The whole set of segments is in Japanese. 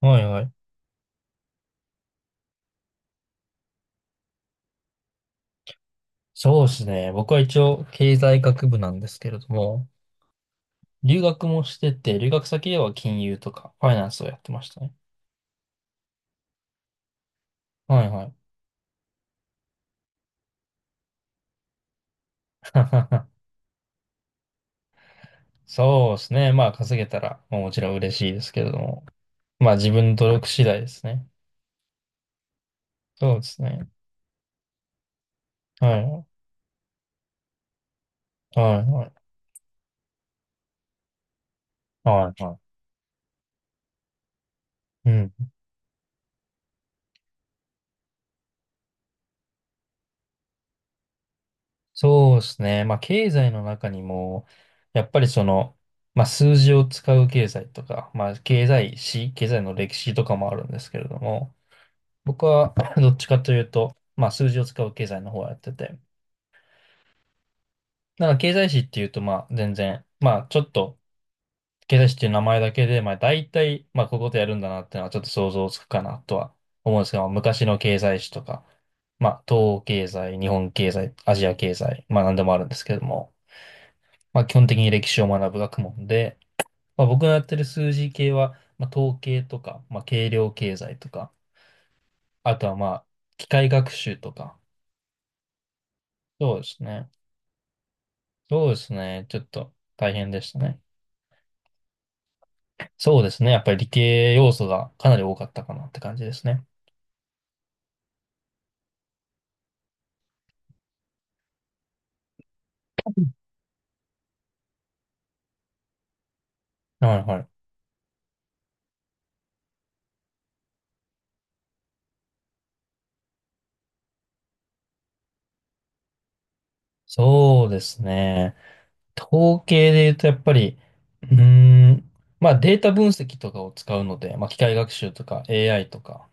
はいはい。そうですね。僕は一応経済学部なんですけれども、留学もしてて、留学先では金融とかファイナンスをやってましたね。はいはい。そうですね。まあ稼げたら、まあもちろん嬉しいですけれども、まあ自分の努力次第ですね。そうですね。はいはいはいはいはい。うん。そうですね。まあ経済の中にも、やっぱりその、まあ数字を使う経済とか、まあ経済史、経済の歴史とかもあるんですけれども、僕は どっちかというと、まあ数字を使う経済の方をやってて、なんか経済史っていうとまあ全然、まあちょっと経済史っていう名前だけで、まあ大体、まあこういうことやるんだなっていうのはちょっと想像つくかなとは思うんですけど、昔の経済史とか、まあ東欧経済、日本経済、アジア経済、まあ何でもあるんですけれども、まあ基本的に歴史を学ぶ学問で、まあ僕のやってる数字系は、まあ統計とか、まあ計量経済とか、あとはまあ機械学習とか、そうですね。そうですね。ちょっと大変でしたね。そうですね。やっぱり理系要素がかなり多かったかなって感じですね。はいはい。そうですね。統計で言うとやっぱり、うーん、まあデータ分析とかを使うので、まあ機械学習とか AI とか、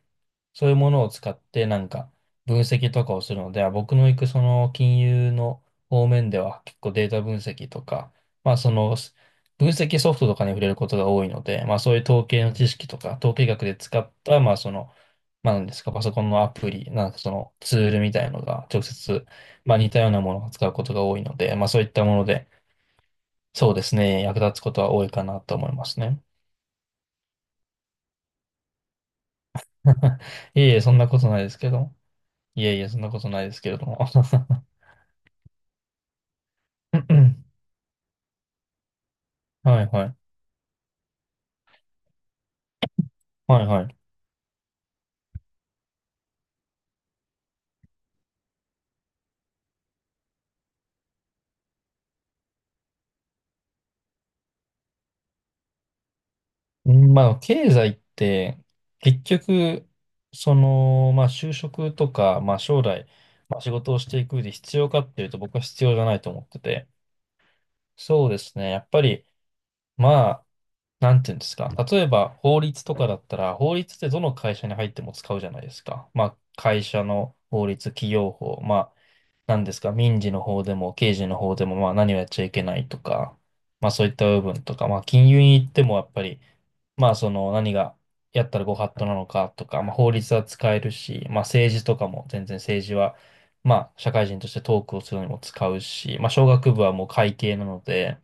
そういうものを使ってなんか分析とかをするので、あ僕の行くその金融の方面では結構データ分析とか、まあそのす分析ソフトとかに触れることが多いので、まあそういう統計の知識とか、統計学で使った、まあその、まあ何ですか、パソコンのアプリ、なんかそのツールみたいのが直接、まあ似たようなものを使うことが多いので、まあそういったもので、そうですね、役立つことは多いかなと思いますね。いえいえ、そんなことないですけど、いえいえ、そんなことないですけれども。はいはい。はいはい。まあ、経済って、結局、その、まあ、就職とか、まあ、将来、まあ、仕事をしていく上で必要かっていうと、僕は必要じゃないと思ってて。そうですね。やっぱり、まあ、なんていうんですか。例えば、法律とかだったら、法律ってどの会社に入っても使うじゃないですか。まあ、会社の法律、企業法、まあ、なんですか、民事の方でも刑事の方でも、まあ何をやっちゃいけないとか、まあそういった部分とか、まあ金融に行ってもやっぱり、まあその何がやったらご法度なのかとか、まあ法律は使えるし、まあ政治とかも全然政治は、まあ社会人としてトークをするのにも使うし、まあ商学部はもう会計なので、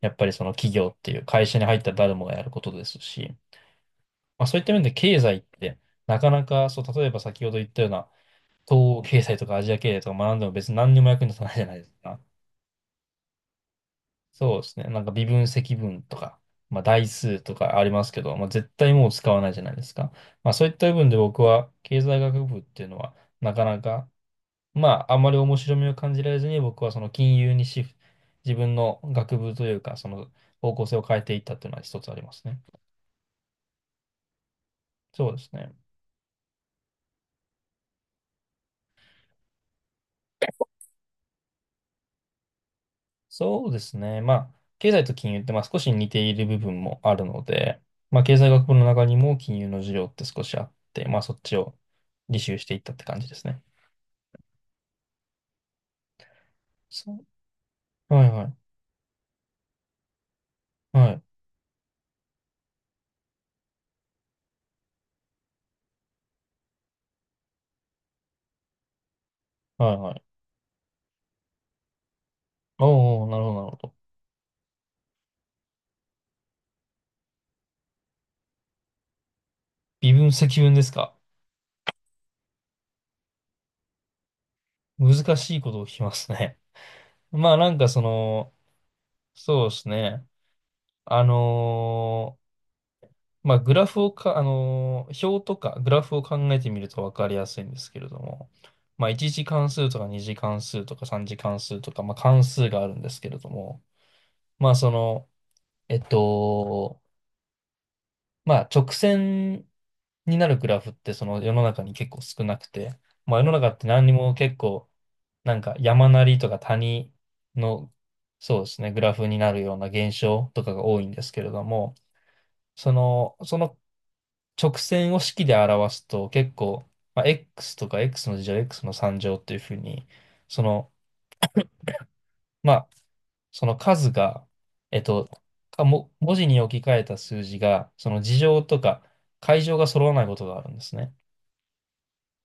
やっぱりその企業っていう会社に入ったら誰もがやることですし、まあそういった面で経済ってなかなか、そう、例えば先ほど言ったような東欧経済とかアジア経済とか学んでも別に何にも役に立たないじゃないですか。そうですね。なんか微分積分とか、まあ代数とかありますけど、まあ絶対もう使わないじゃないですか。まあそういった部分で僕は経済学部っていうのはなかなか、まああんまり面白みを感じられずに僕はその金融にシフト、自分の学部というかその方向性を変えていったっていうのは一つありますね。そうですね。そうですね。まあ経済と金融ってまあ少し似ている部分もあるので、まあ経済学部の中にも金融の授業って少しあって、まあそっちを履修していったって感じですね。はいはい。はい。はいはい。おーおー、なるほど、なるほど。微分、積分ですか。難しいことを聞きますね。まあなんかその、そうですね。あのーまあグラフをか、表とかグラフを考えてみるとわかりやすいんですけれども、まあ1次関数とか2次関数とか3次関数とか、まあ関数があるんですけれども、まあその、えっと、まあ直線になるグラフってその世の中に結構少なくて、まあ世の中って何にも結構なんか山なりとか谷の、そうですね、グラフになるような現象とかが多いんですけれども、その直線を式で表すと結構、まあ、x とか x の二乗、x の三乗っていうふうに、その、まあ、その数が、えっと、文字に置き換えた数字が、その二乗とか階乗が揃わないことがあるんですね。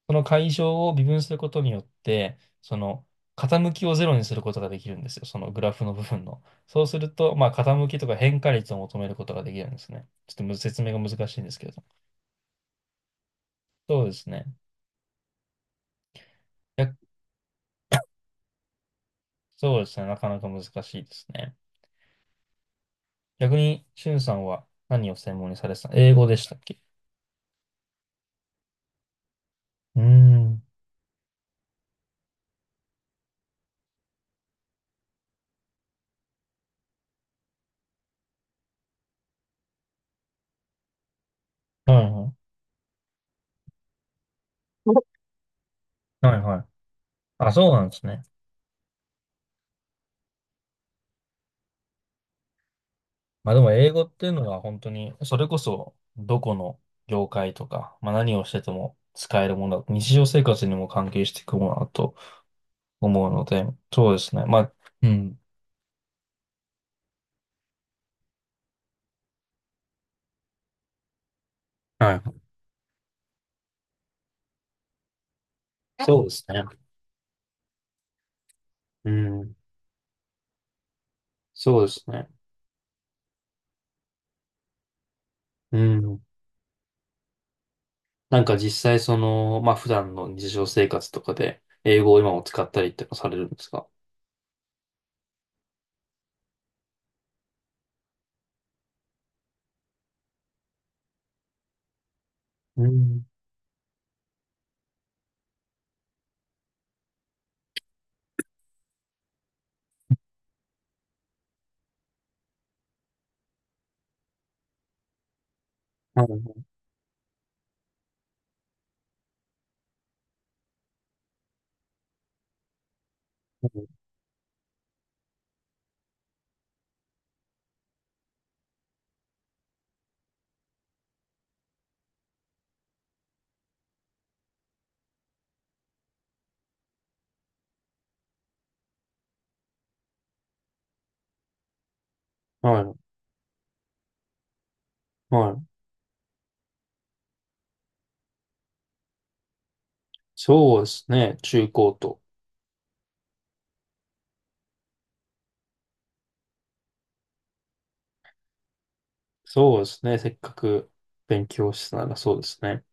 その解消を微分することによって、その傾きをゼロにすることができるんですよ。そのグラフの部分の。そうすると、まあ、傾きとか変化率を求めることができるんですね。ちょっと説明が難しいんですけれど。そうですね。逆そうですね。なかなか難しいですね。逆に、しゅんさんは何を専門にされてた？英語でしたっけ？うーん。はいはい。はいはい。あ、そうなんですね。まあでも英語っていうのは本当に、それこそどこの業界とか、まあ何をしてても使えるものだと、日常生活にも関係していくものだと思うので、そうですね。まあ、うん。はい。そうですね。うん。そうですね。うん。なんか実際その、まあ普段の日常生活とかで英語を今も使ったりってのされるんですか？うん。はい。はい。はい。はい、そうですね。中高と。そうですね。せっかく勉強したなら、そうですね。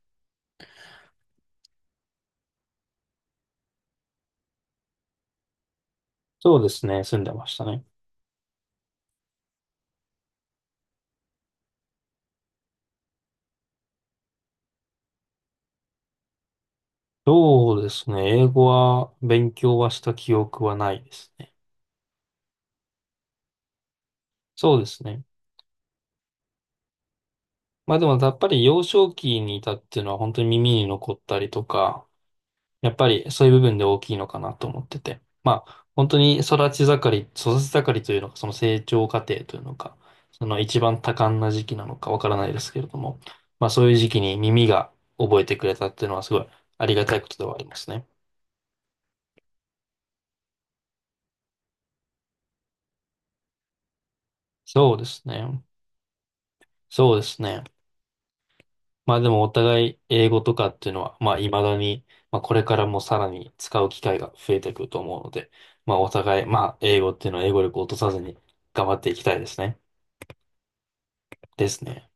そうですね、住んでましたね。そうですね、英語は勉強はした記憶はないですね。そうですね。まあでもやっぱり幼少期にいたっていうのは本当に耳に残ったりとか、やっぱりそういう部分で大きいのかなと思ってて。まあ本当に育ち盛り、育ち盛りというのか、その成長過程というのか、その一番多感な時期なのかわからないですけれども、まあそういう時期に耳が覚えてくれたっていうのはすごいありがたいことではありますね。そうですね。そうですね。まあでもお互い英語とかっていうのは、まあ未だに、まあこれからもさらに使う機会が増えてくると思うので、まあお互い、まあ英語っていうのは英語力を落とさずに頑張っていきたいですね。ですね。